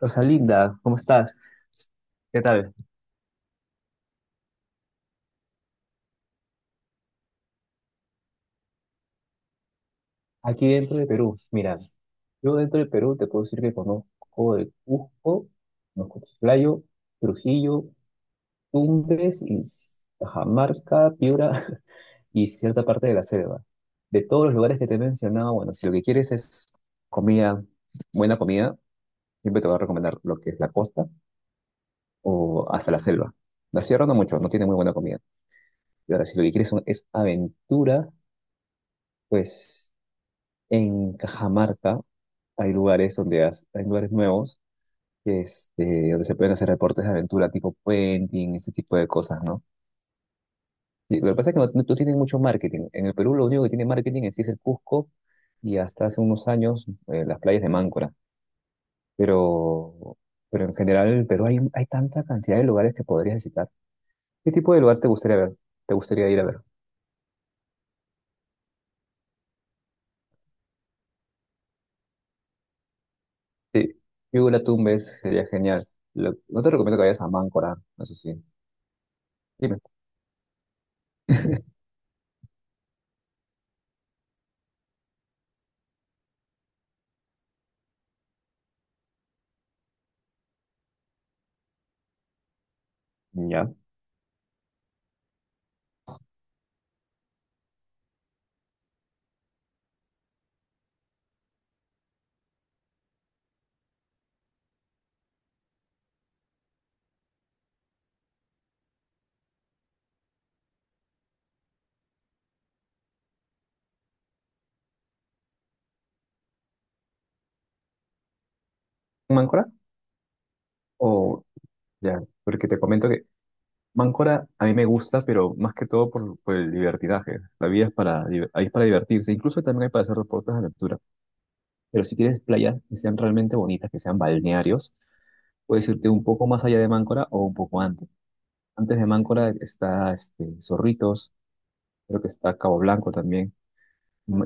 Rosalinda, ¿cómo estás? ¿Qué tal? Aquí dentro de Perú, mira, yo dentro de Perú te puedo decir que conozco de Cusco, conozco Chiclayo, Trujillo, Tumbes y Cajamarca, Piura y cierta parte de la selva. De todos los lugares que te he mencionado, bueno, si lo que quieres es comida, buena comida, siempre te voy a recomendar lo que es la costa o hasta la selva. La sierra no mucho, no tiene muy buena comida. Y ahora, si lo que quieres es aventura, pues. En Cajamarca hay lugares donde hay lugares nuevos, donde se pueden hacer deportes de aventura tipo puenting, ese tipo de cosas, ¿no? Y lo que pasa es que no tienen mucho marketing. En el Perú lo único que tiene marketing en sí es el Cusco y hasta hace unos años, las playas de Máncora. Pero, pero en general en el Perú hay tanta cantidad de lugares que podrías visitar. ¿Qué tipo de lugar te gustaría ver? ¿Te gustaría ir a ver? Sí, yo la Tumbes sería genial. No te recomiendo que vayas a Máncora, eso sí. Dime. Ya. ¿Mancora? O ya, porque te comento que Mancora a mí me gusta, pero más que todo por el divertidaje. La vida es para, div- ahí es para divertirse, incluso también hay para hacer deportes de aventura. Pero si quieres playas que sean realmente bonitas, que sean balnearios, puedes irte un poco más allá de Máncora o un poco antes. Antes de Máncora está, Zorritos, creo que está Cabo Blanco también.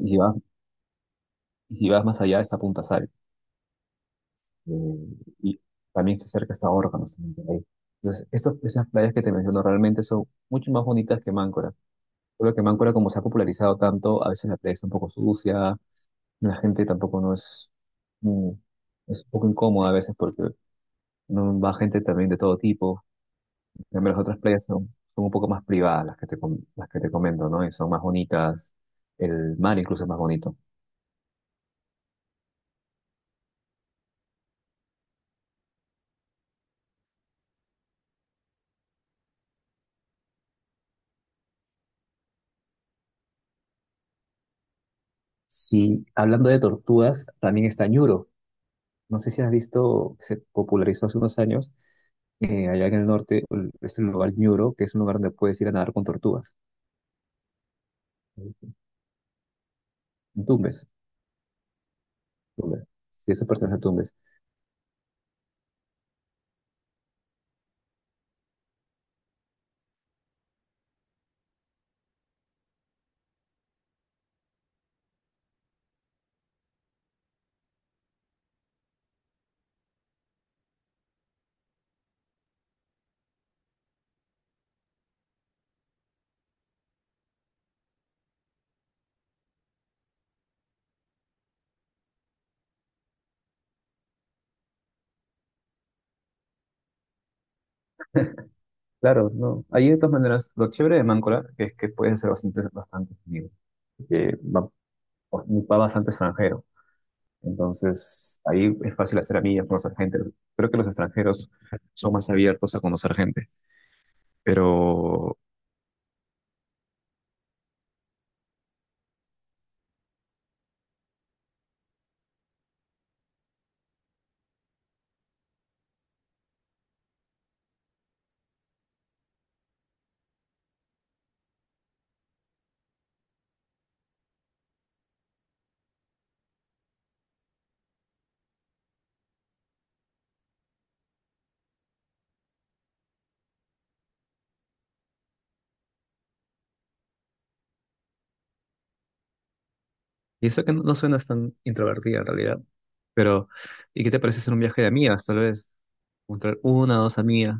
Y si vas, y si vas más allá está Punta Sal. eh, y también se acerca hasta Órganos también por ahí. Entonces, esas playas que te menciono realmente son mucho más bonitas que Máncora. Solo que Máncora, como se ha popularizado tanto, a veces la playa está un poco sucia, la gente tampoco no es, mm, es un poco incómoda a veces porque no va gente también de todo tipo. En cambio, las otras playas son un poco más privadas, las que te comento, ¿no? Y son más bonitas, el mar incluso es más bonito. Sí, hablando de tortugas, también está Ñuro. No sé si has visto, se popularizó hace unos años, allá en el norte, este lugar Ñuro, que es un lugar donde puedes ir a nadar con tortugas. En Tumbes, Tumbes. Sí, eso pertenece a Tumbes. Claro, no. Ahí de todas maneras, lo chévere de Máncora es que puedes hacer bastantes amigos. Que va bastante extranjero. Entonces, ahí es fácil hacer amigas, conocer gente. Creo que los extranjeros son más abiertos a conocer gente. Pero y eso que no suenas tan introvertida en realidad. Pero, ¿y qué te parece hacer un viaje de amigas, tal vez? Encontrar una o dos amigas.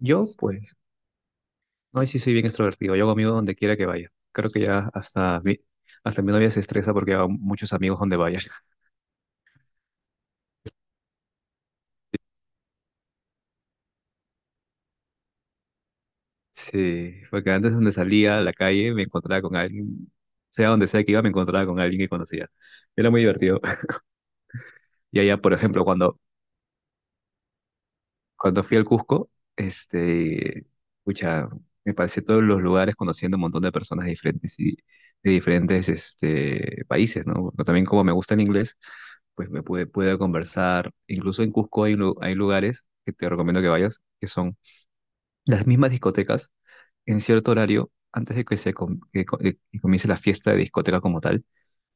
Yo, pues, no, sí soy bien extrovertido. Yo hago amigos donde quiera que vaya. Creo que ya hasta mi novia se estresa porque hago muchos amigos donde vaya. Sí, porque antes donde salía a la calle me encontraba con alguien. Sea donde sea que iba, me encontraba con alguien que conocía. Era muy divertido. Y allá, por ejemplo, cuando fui al Cusco, este, pucha, me pasé todos los lugares conociendo un montón de personas diferentes y de diferentes, países, ¿no? Pero también como me gusta el inglés, pues pude conversar. Incluso en Cusco hay lugares que te recomiendo que vayas, que son las mismas discotecas en cierto horario antes de que se com- que co- que comience la fiesta de discoteca como tal.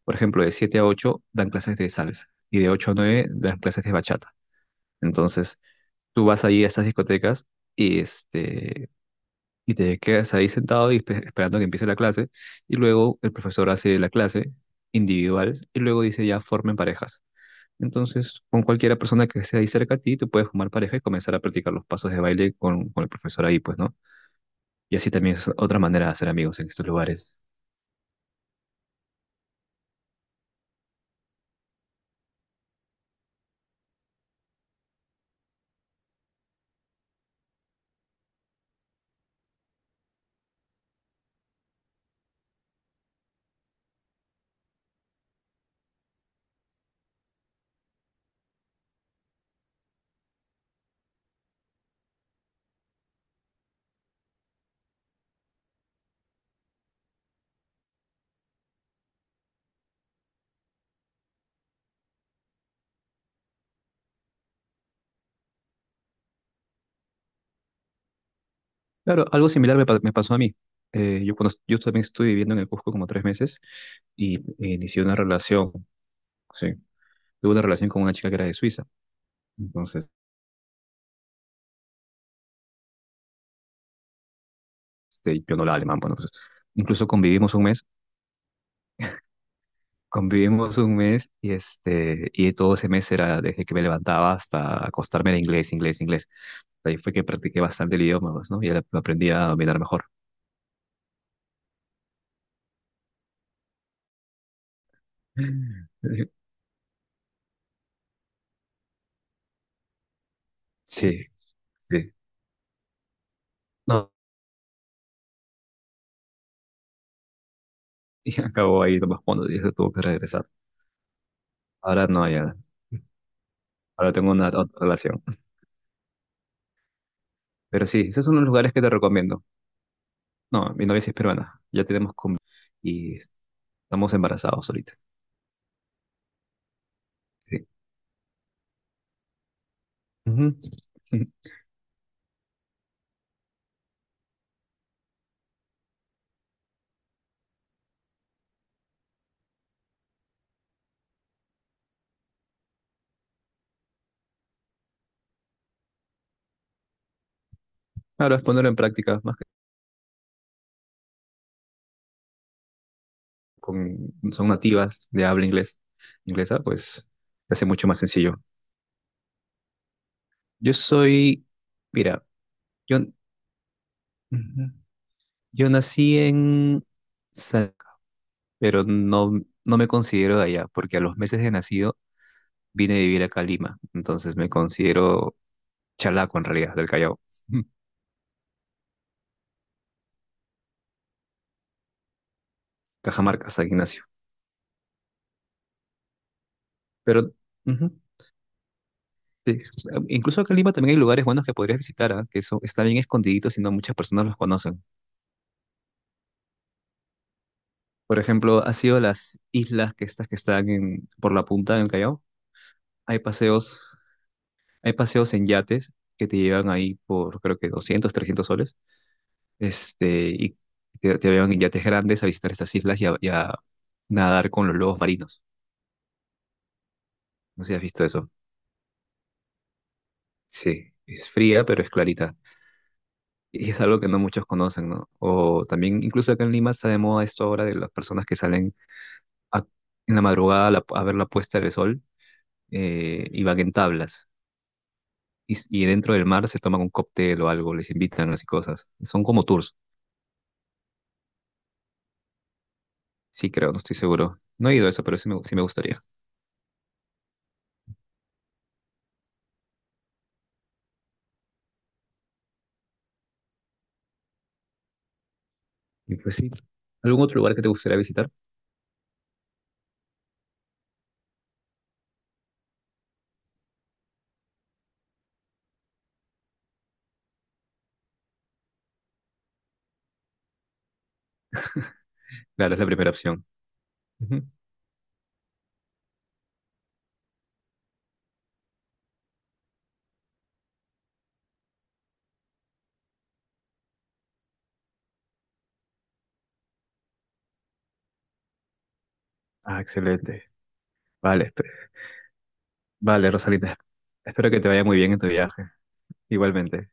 Por ejemplo, de 7 a 8 dan clases de salsa y de 8 a 9 dan clases de bachata. Entonces, tú vas ahí a estas discotecas y, este, y te quedas ahí sentado y esperando que empiece la clase. Y luego el profesor hace la clase individual y luego dice ya formen parejas. Entonces, con cualquiera persona que esté ahí cerca a ti, tú puedes formar pareja y comenzar a practicar los pasos de baile con, el profesor ahí, pues, ¿no? Y así también es otra manera de hacer amigos en estos lugares. Claro, algo similar me pasó a mí. Yo también estuve viviendo en el Cusco como 3 meses y, inicié una relación, sí, tuve una relación con una chica que era de Suiza. Entonces, yo no hablaba alemán, bueno, entonces, incluso convivimos un mes y todo ese mes era desde que me levantaba hasta acostarme era inglés, inglés, inglés. Ahí fue que practiqué bastante el idioma, pues, ¿no? Y ahora lo aprendí a dominar mejor. Sí, sí. No, y acabó ahí nomás cuando ya se tuvo que regresar. Ahora no, ya, ahora tengo una otra relación. Pero sí, esos son los lugares que te recomiendo. No, mi novia sí es peruana, ya tenemos con... y estamos embarazados ahorita. Sí. Ujú. Claro, es ponerlo en práctica, más que con, son nativas de habla inglés, inglesa, pues se hace mucho más sencillo. Yo soy, mira, yo, Ujú. Yo nací en San, pero no me considero de allá, porque a los meses de nacido vine a vivir acá a Lima, entonces me considero chalaco en realidad, del Callao. Cajamarca, San Ignacio. Pero, ujú, sí, incluso acá en Lima también hay lugares buenos que podrías visitar, ¿ah? Que están bien escondiditos y no muchas personas los conocen. Por ejemplo, ¿has ido a las islas que estas que están por la punta en el Callao? Hay paseos, hay paseos en yates que te llevan ahí por creo que 200, 300 soles, y te llevan en yates grandes a visitar estas islas y a nadar con los lobos marinos. No sé si has visto eso. Sí, es fría, pero es clarita. Y es algo que no muchos conocen, ¿no? O también, incluso acá en Lima está de moda esto ahora de las personas que salen a- en la madrugada a ver la puesta del sol, y van en tablas. Y dentro del mar se toman un cóctel o algo, les invitan así cosas. Son como tours. Sí, creo, no estoy seguro. No he ido a eso, pero sí me gustaría. Y pues sí. ¿Algún otro lugar que te gustaría visitar? Claro, es la primera opción. Ujú. Ah, excelente. Vale, espe- vale, Rosalita. Espero que te vaya muy bien en tu viaje. Igualmente.